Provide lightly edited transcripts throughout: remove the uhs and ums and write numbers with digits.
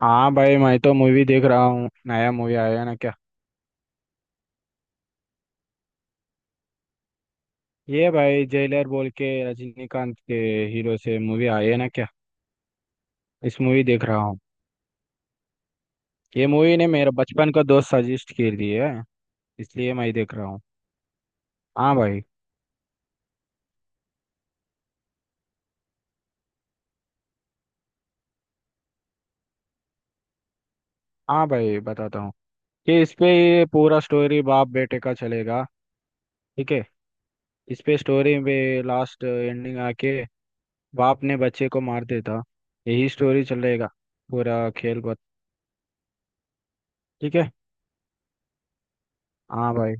हाँ भाई। मैं तो मूवी देख रहा हूँ। नया मूवी आया है ना क्या। ये भाई जेलर बोल के रजनीकांत के हीरो से मूवी आई है ना क्या। इस मूवी देख रहा हूँ। ये मूवी ने मेरा बचपन का दोस्त सजेस्ट कर दी है, इसलिए मैं देख रहा हूँ। हाँ भाई। हाँ भाई, बताता हूँ कि इस पे ये पूरा स्टोरी बाप बेटे का चलेगा। ठीक है। इस पे स्टोरी में लास्ट एंडिंग आके बाप ने बच्चे को मार देता। यही स्टोरी चलेगा पूरा खेल पर। ठीक है। हाँ भाई।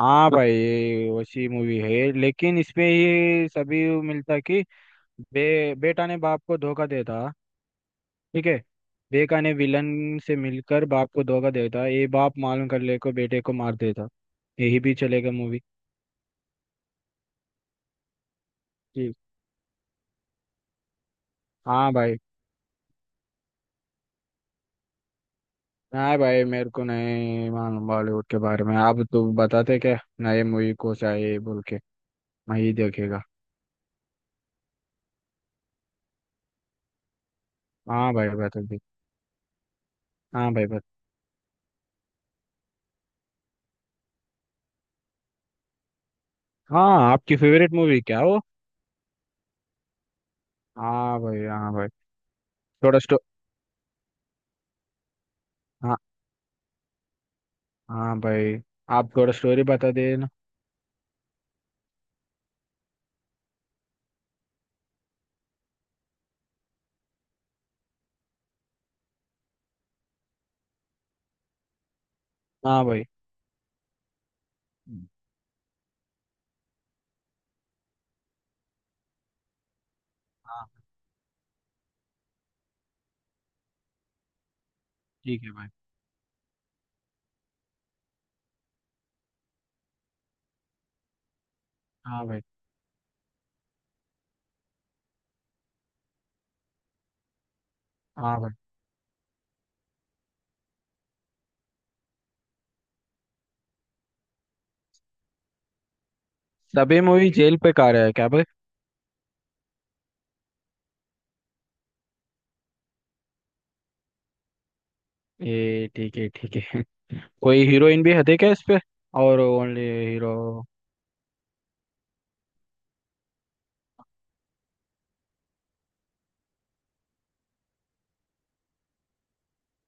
हाँ भाई, ये वैसी मूवी है, लेकिन इसमें ये सभी मिलता कि बे बेटा ने बाप को धोखा देता। ठीक है। बेटा ने विलन से मिलकर बाप को धोखा देता, ये बाप मालूम कर ले को बेटे को मार देता। यही भी चलेगा मूवी। ठीक। हाँ भाई। नहीं भाई, मेरे को नहीं मालूम बॉलीवुड के बारे में। आप तो बताते क्या नए मूवी को चाहिए बोल के। मैं ही देखेगा। हाँ भाई, बता दे। हाँ भाई, बता। हाँ, आपकी फेवरेट मूवी क्या वो। हाँ भाई। हाँ भाई। थोड़ा स्टो हाँ भाई। आप थोड़ा स्टोरी बता देना। हाँ भाई। हम्म। हाँ। ठीक है भाई। हाँ भाई। हाँ भाई। सभी मूवी जेल पे का रहा है क्या भाई। ये ठीक है। ठीक है। कोई हीरोइन भी हटे क्या इस पे। और ओनली हीरो।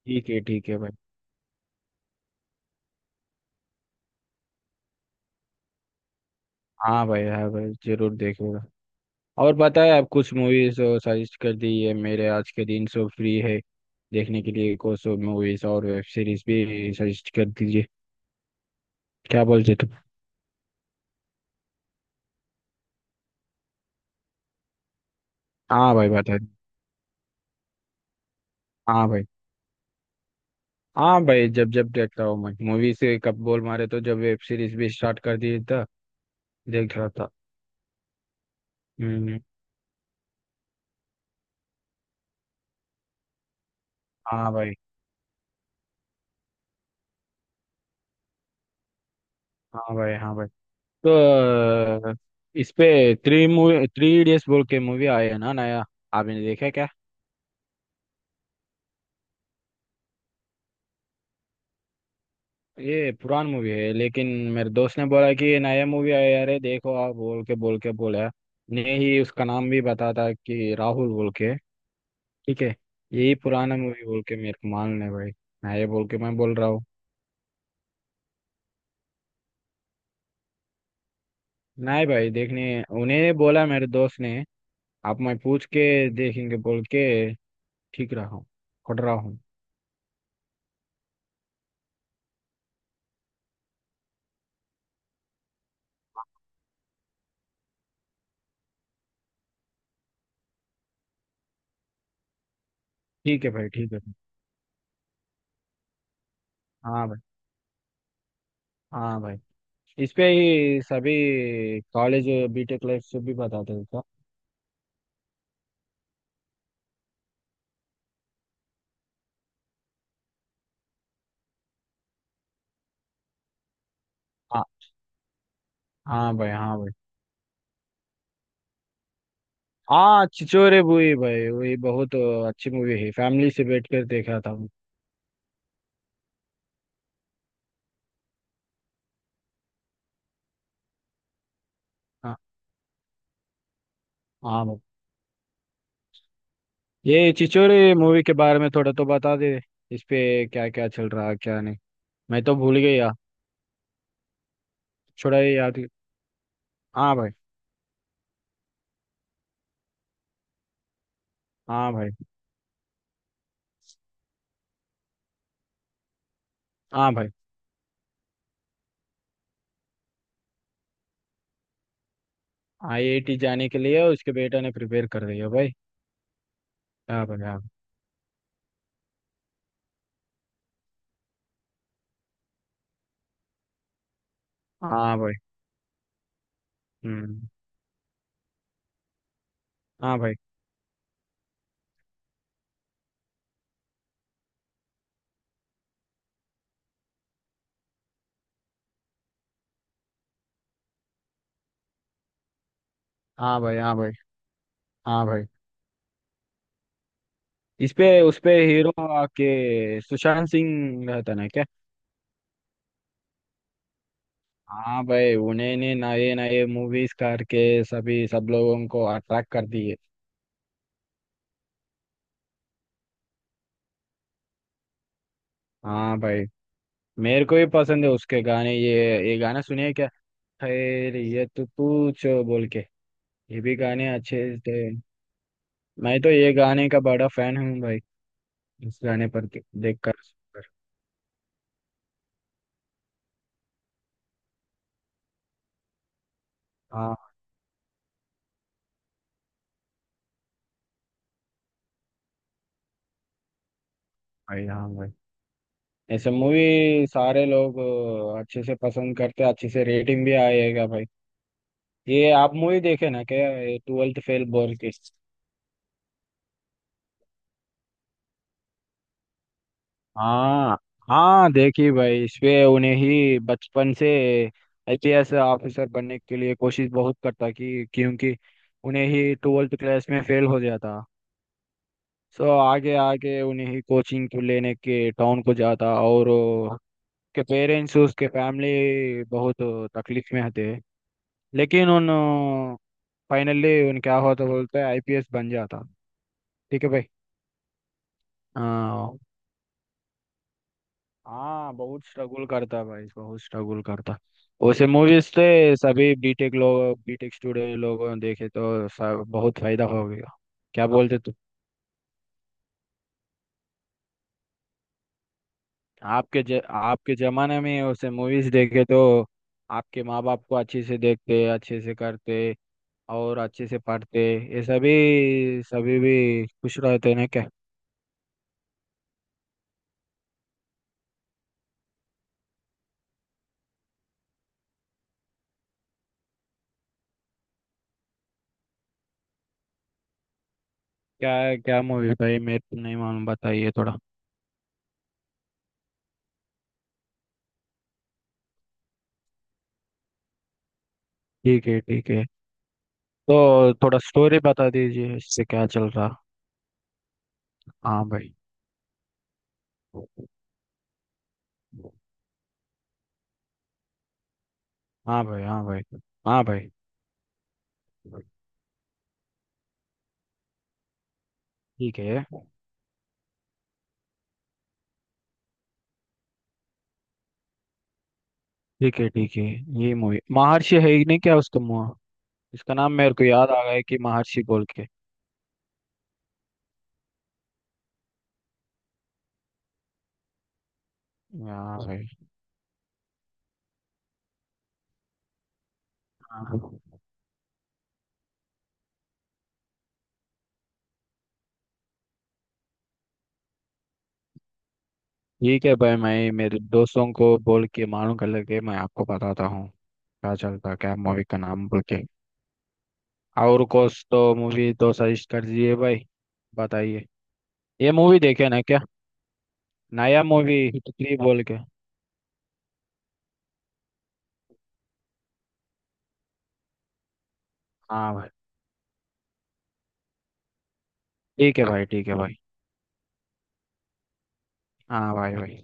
ठीक है। ठीक है भाई। हाँ भाई। हाँ भाई, जरूर देखूंगा। और बताए आप कुछ मूवीज सजेस्ट कर दी है। मेरे आज के दिन सो फ्री है देखने के लिए। कुछ सो मूवीज और वेब सीरीज भी सजेस्ट कर दीजिए। क्या बोलते तुम। हाँ भाई, बताए। हाँ भाई। हाँ भाई, जब जब देखता हूँ मैं मूवी से कब बोल मारे तो जब वेब सीरीज भी स्टार्ट कर दी था। देख रहा था। हम्म। हाँ भाई। हाँ भाई। हाँ भाई। तो अ, इस पे थ्री इडियट्स बोल के मूवी आई है ना नया। आपने देखा क्या। ये पुरान मूवी है, लेकिन मेरे दोस्त ने बोला कि ये नया मूवी आया है, अरे देखो आप बोल के बोला ने ही उसका नाम भी बता था कि राहुल बोल के। ठीक है। यही पुराना मूवी बोल के मेरे को मान ले भाई, नया बोल के मैं बोल रहा हूँ। नहीं भाई, देखने उन्हें बोला मेरे दोस्त ने। आप मैं पूछ के देखेंगे बोल के ठीक रहा हूँ। खट रहा हूँ। ठीक है भाई। ठीक है भाई। हाँ भाई। हाँ भाई। इस पे ही सभी कॉलेज बीटेक लाइफ से भी बताते थे। हाँ। हाँ भाई। हाँ भाई। हाँ छिछोरे बूढ़ी भाई वही बहुत अच्छी मूवी है। फैमिली से बैठ कर देखा था मैं। हाँ। हाँ भाई। ये छिछोरे मूवी के बारे में थोड़ा तो बता दे। इस पे क्या क्या चल रहा क्या नहीं, मैं तो भूल गया। थोड़ा ये याद। हाँ भाई। हाँ भाई। हाँ भाई। आईआईटी जाने के लिए उसके बेटा ने प्रिपेयर कर दिया भाई। हाँ भाई। हाँ। हाँ भाई। हम्म। हाँ भाई। हाँ भाई। हाँ भाई। हाँ भाई, इस पे उस पे हीरो के सुशांत सिंह रहता ना क्या। हाँ भाई, उन्होंने नए नए मूवीज करके सभी सब लोगों को अट्रैक्ट कर दिए। हाँ भाई, मेरे को भी पसंद है उसके गाने। ये गाना सुनिए क्या। खैरियत पूछो बोल के, ये भी गाने अच्छे थे। मैं तो ये गाने का बड़ा फैन हूँ भाई। इस गाने पर के- देख कर सुनकर। हाँ भाई। हाँ भाई। ऐसे मूवी सारे लोग अच्छे से पसंद करते, अच्छे से रेटिंग भी आएगा भाई। ये आप मूवी देखे ना क्या। ट्वेल्थ फेल बोल के। हाँ। हाँ देखी भाई, इसपे उन्हें ही बचपन से आईपीएस ऑफिसर बनने के लिए कोशिश बहुत करता कि, क्योंकि उन्हें ही ट्वेल्थ क्लास में फेल हो जाता। सो आगे आगे उन्हें ही कोचिंग को लेने के टाउन को जाता और उसके पेरेंट्स उसके फैमिली बहुत तकलीफ में थे। लेकिन उन फाइनली उन क्या होता बोलते हैं आईपीएस बन जाता। ठीक है भाई। हाँ। हाँ बहुत स्ट्रगल करता भाई, बहुत स्ट्रगल करता। उसे मूवीज से सभी बीटेक लोग बीटेक स्टूडेंट लोगों ने देखे तो सब बहुत फायदा हो गया। क्या बोलते तू। आपके जमाने में उसे मूवीज देखे तो आपके माँ बाप को अच्छे से देखते, अच्छे से करते और अच्छे से पढ़ते, ये सभी सभी भी खुश रहते हैं ना क्या। क्या क्या मूवी भाई मैं तो नहीं मालूम, बताइए थोड़ा। ठीक है। ठीक है। तो थोड़ा स्टोरी बता दीजिए इससे क्या चल रहा। हाँ भाई। हाँ भाई। हाँ भाई। हाँ भाई। ठीक है। ठीक है। ठीक है। ये मूवी महर्षि है ही नहीं क्या, उसका मुँह। इसका नाम मेरे को याद आ गया है कि महर्षि बोल के। हाँ भाई। हाँ। ठीक है भाई, मैं मेरे दोस्तों को बोल के मालूम कर लेके मैं आपको बताता हूँ क्या चलता क्या मूवी का नाम बोल के। और कुछ तो मूवी तो सजेस्ट कर दीजिए भाई, बताइए। ये मूवी देखे ना क्या, नया मूवी हिट थ्री बोल के। हाँ भाई। ठीक है भाई। ठीक है भाई। हाँ भाई भाई।